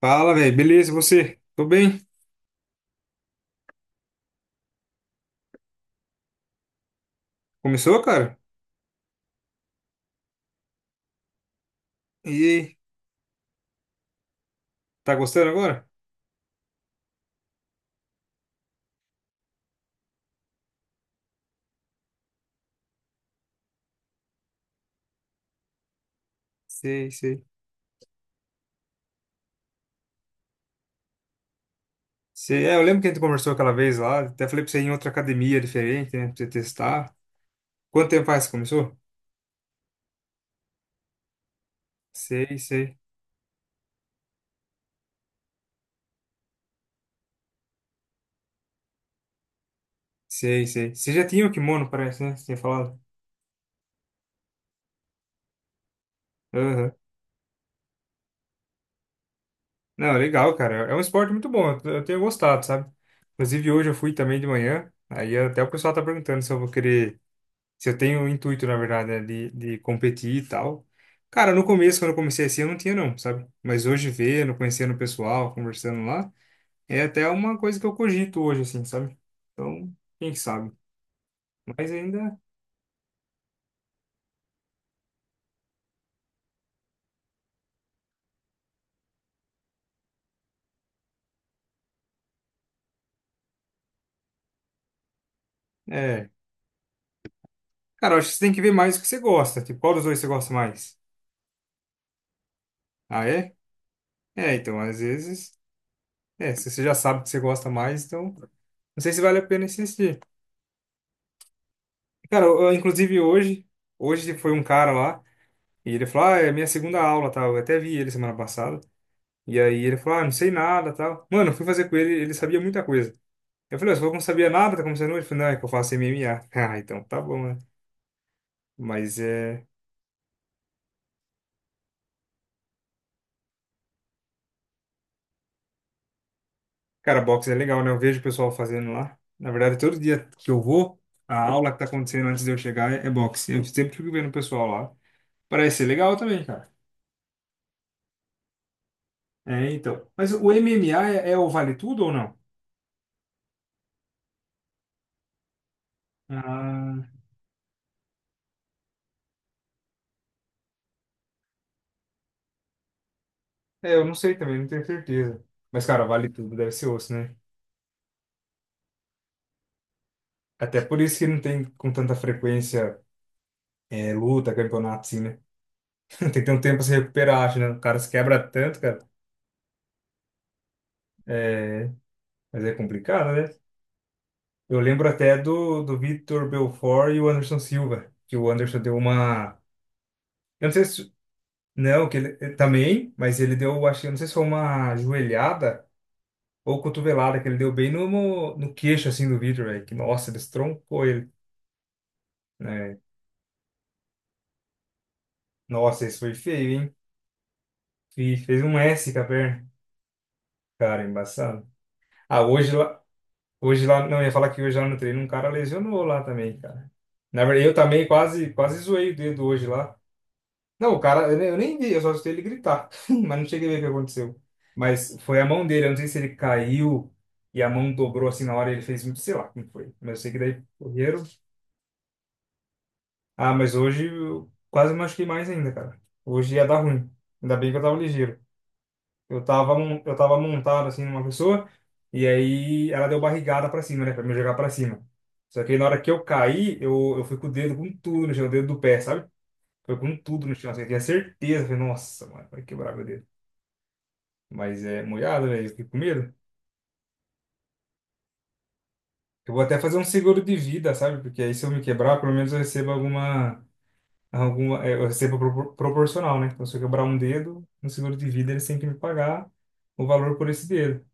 Fala, velho. Beleza, e você? Tô bem. Começou, cara? E aí, tá gostando agora? Sei, sei. Sei. É, eu lembro que a gente conversou aquela vez lá. Até falei pra você ir em outra academia diferente, né? Pra você testar. Quanto tempo faz que começou? Sei, sei. Sei, sei. Você já tinha o kimono, parece, né? Você tinha falado. Aham. Não, legal, cara. É um esporte muito bom. Eu tenho gostado, sabe? Inclusive, hoje eu fui também de manhã. Aí até o pessoal tá perguntando se eu vou querer. Se eu tenho o intuito, na verdade, né, de competir e tal. Cara, no começo, quando eu comecei assim, eu não tinha não, sabe? Mas hoje vendo, conhecendo o pessoal, conversando lá, é até uma coisa que eu cogito hoje, assim, sabe? Então, quem sabe? Mas ainda é. Cara, eu acho que você tem que ver mais o que você gosta. Tipo, qual dos dois você gosta mais? Ah, é? É, então, às vezes. É, se você já sabe que você gosta mais, então. Não sei se vale a pena insistir. Cara, inclusive hoje, foi um cara lá, e ele falou: Ah, é a minha segunda aula, tá? Eu até vi ele semana passada. E aí ele falou, ah, não sei nada, tal. Mano, eu fui fazer com ele, ele sabia muita coisa. Eu falei: "Ô, você falou que não sabia nada, tá começando hoje?" Ele falou, não, é que eu faço MMA. Ah, então tá bom, né? Mas é... Cara, boxe é legal, né? Eu vejo o pessoal fazendo lá. Na verdade, todo dia que eu vou, a aula que tá acontecendo antes de eu chegar é boxe. Eu sempre fico vendo o pessoal lá. Parece ser legal também, cara. É, então. Mas o MMA é o vale tudo ou não? Ah, é, eu não sei também, não tenho certeza. Mas, cara, vale tudo, deve ser osso, né? Até por isso que não tem com tanta frequência luta, campeonato, assim, né? Tem que ter um tempo pra se recuperar, acho, né? O cara se quebra tanto, cara. É, mas é complicado, né? Eu lembro até do Vitor Belfort e o Anderson Silva, que o Anderson deu uma. Eu não sei se. Não, que ele também, mas ele deu, acho que, eu não sei se foi uma joelhada ou cotovelada, que ele deu bem no queixo, assim, do Vitor, velho. Que, nossa, ele estroncou ele, né? Nossa, esse foi feio, hein? Fez um S com a perna. Cara, é embaçado. Ah, hoje, Hoje lá, não, eu ia falar que hoje lá no treino um cara lesionou lá também, cara. Na verdade, eu também quase, quase zoei o dedo hoje lá. Não, o cara, eu nem vi, eu só escutei ele gritar, mas não cheguei a ver o que aconteceu. Mas foi a mão dele, eu não sei se ele caiu e a mão dobrou assim na hora, ele fez muito, sei lá como foi. Mas eu sei que daí correram. Ah, mas hoje eu quase machuquei mais ainda, cara. Hoje ia dar ruim. Ainda bem que eu tava ligeiro. Eu tava montado assim numa pessoa, e aí ela deu barrigada pra cima, né? Pra me jogar pra cima. Só que aí na hora que eu caí, eu fui com o dedo com tudo no chão, o dedo do pé, sabe? Foi com tudo no chão, assim, eu tinha certeza. Falei, nossa, mano, vai quebrar meu dedo. Mas é molhado, velho, eu fiquei com medo. Eu vou até fazer um seguro de vida, sabe? Porque aí se eu me quebrar, pelo menos eu recebo alguma. É, eu recebo proporcional, né? Então se eu quebrar um dedo, no seguro de vida eles têm que me pagar o valor por esse dedo.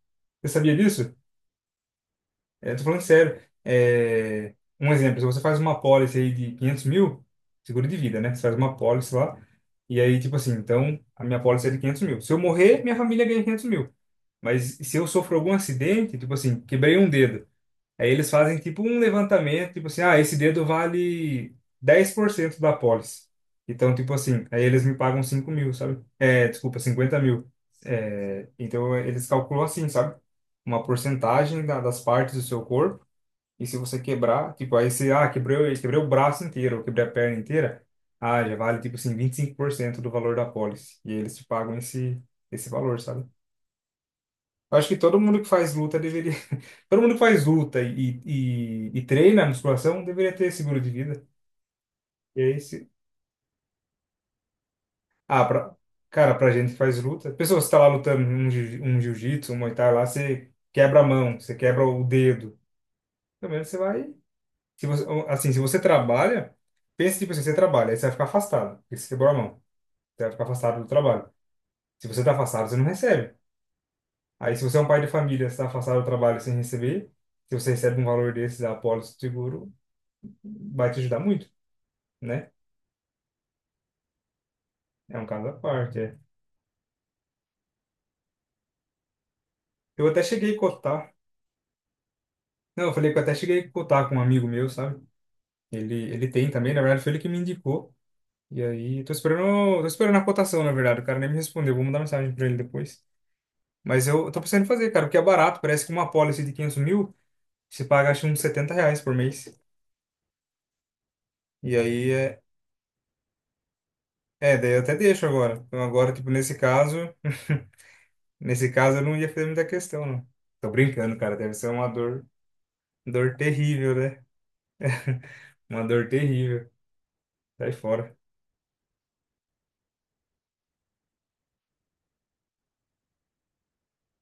Você sabia disso? Eu tô falando sério. É, um exemplo, se você faz uma pólice aí de 500.000, seguro de vida, né? Você faz uma pólice lá, e aí, tipo assim, então, a minha pólice é de 500.000. Se eu morrer, minha família ganha 500.000. Mas se eu sofro algum acidente, tipo assim, quebrei um dedo, aí eles fazem tipo um levantamento, tipo assim, ah, esse dedo vale 10% da pólice. Então, tipo assim, aí eles me pagam 5.000, sabe? É, desculpa, 50.000. É, então, eles calculam assim, sabe? Uma porcentagem das partes do seu corpo e se você quebrar, tipo, aí você, ah, quebrei o braço inteiro, ou quebrei a perna inteira, ah, já vale, tipo assim, 25% do valor da pólice. E aí eles te pagam esse valor, sabe? Eu acho que todo mundo que faz luta deveria. Todo mundo que faz luta e treina musculação deveria ter seguro de vida. E aí, se. Ah, pra, cara, pra gente que faz luta. Pessoa, você tá lá lutando um jiu-jitsu, um muay thai lá, você quebra a mão, você quebra o dedo. Pelo menos você vai. Se você, assim, se você trabalha, pense tipo assim, você trabalha, aí você vai ficar afastado, porque você quebrou a mão, você vai ficar afastado do trabalho. Se você está afastado, você não recebe. Aí, se você é um pai de família, você está afastado do trabalho sem receber, se você recebe um valor desses da apólice do seguro, vai te ajudar muito, né? É um caso à parte, é. Eu até cheguei a cotar, não, eu falei que eu até cheguei a cotar com um amigo meu, sabe? Ele tem também, na verdade, foi ele que me indicou. E aí, tô esperando a cotação, na verdade, o cara nem me respondeu, vou mandar mensagem para ele depois. Mas eu tô pensando em fazer, cara, porque é barato. Parece que uma policy de 500.000, você paga acho uns R$ 70 por mês. E aí é. É, daí eu até deixo agora. Então agora, tipo, nesse caso. Nesse caso eu não ia fazer muita questão, não. Tô brincando, cara. Deve ser uma dor, dor terrível, né? Uma dor terrível. Sai fora.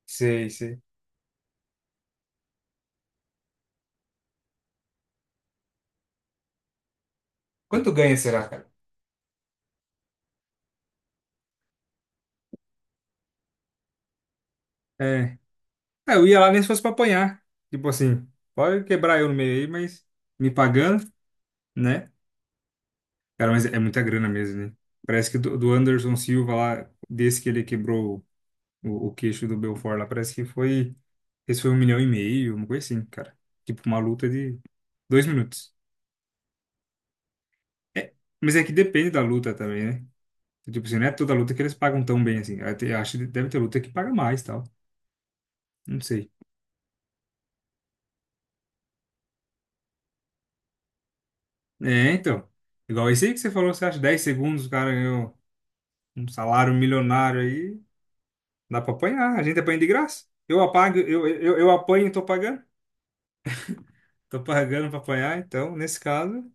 Sei, sei. Quanto ganha, será, cara? É. Ah, eu ia lá nem se fosse pra apanhar. Tipo assim, pode quebrar eu no meio aí, mas me pagando, né? Cara, mas é muita grana mesmo, né? Parece que do Anderson Silva lá, desse que ele quebrou o queixo do Belfort lá, parece que foi. Esse foi 1,5 milhão, uma coisa assim, cara. Tipo, uma luta de 2 minutos. É, mas é que depende da luta também, né? Tipo assim, não é toda luta que eles pagam tão bem assim. Ah, acho que deve ter luta que paga mais tal. Não sei. É, então. Igual esse aí que você falou, você acha 10 segundos, o cara ganhou um salário milionário aí. Dá pra apanhar, a gente apanha de graça. Eu apago, eu apanho e tô pagando. Tô pagando pra apanhar, então, nesse caso.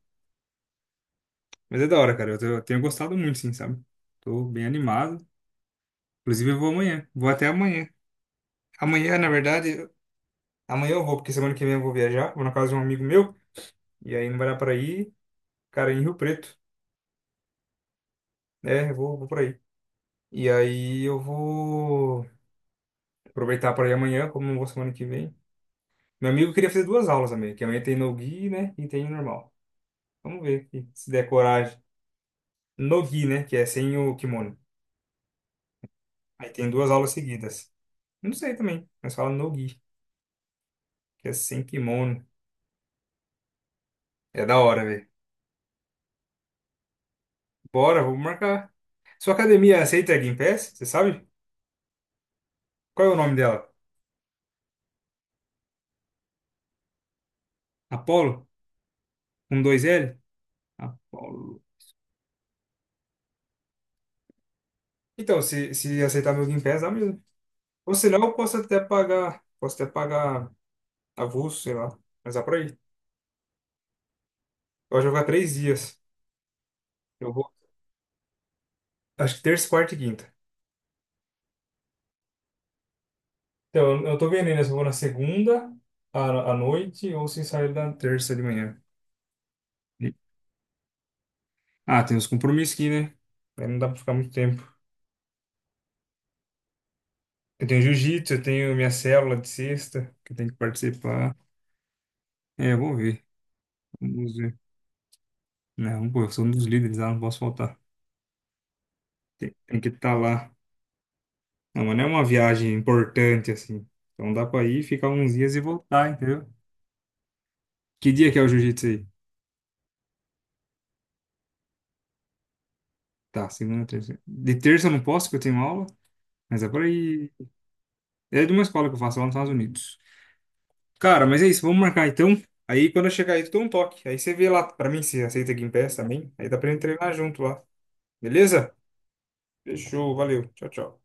Mas é da hora, cara. Eu tenho gostado muito, sim, sabe? Tô bem animado. Inclusive, eu vou amanhã. Vou até amanhã. Amanhã, na verdade, amanhã eu vou, porque semana que vem eu vou viajar. Vou na casa de um amigo meu. E aí não vai dar pra ir, cara, em Rio Preto. É, eu vou, pra aí. E aí eu vou aproveitar pra ir amanhã, como não vou semana que vem. Meu amigo queria fazer duas aulas também, que amanhã tem no-gi, né? E tem normal. Vamos ver aqui, se der coragem. No-gi, né? Que é sem o kimono. Aí tem duas aulas seguidas. Não sei também, mas fala Nogi, que é sem kimono. É da hora, velho. Bora, vou marcar. Sua academia aceita Game Pass? Você sabe? Qual é o nome dela? Apollo? Um dois L? Apollo. Então, se aceitar meu Game Pass, dá mesmo. Ou senão eu posso até pagar. Posso até pagar avulso, sei lá. Mas dá pra ir. Eu vou jogar 3 dias. Eu vou. Acho que terça, quarta e quinta. Então, eu tô vendo ainda se eu vou na segunda à noite ou se sair na terça de manhã. E Ah, tem uns compromissos aqui, né? Aí não dá pra ficar muito tempo. Eu tenho jiu-jitsu, eu tenho minha célula de sexta, que eu tenho que participar. É, eu vou ver. Vamos ver. Não, pô, eu sou um dos líderes lá, não posso faltar. Tem que estar lá. Não, mas não é uma viagem importante, assim. Então dá pra ir, ficar uns dias e voltar, entendeu? Que dia que é o jiu-jitsu aí? Tá, segunda, terça. De terça eu não posso, porque eu tenho aula. Mas é por aí. É de uma escola que eu faço lá nos Estados Unidos. Cara, mas é isso, vamos marcar então. Aí quando eu chegar aí, tu dá um toque. Aí você vê lá pra mim se aceita Game Pass também. Aí dá pra gente treinar junto lá. Beleza? Fechou, valeu. Tchau, tchau.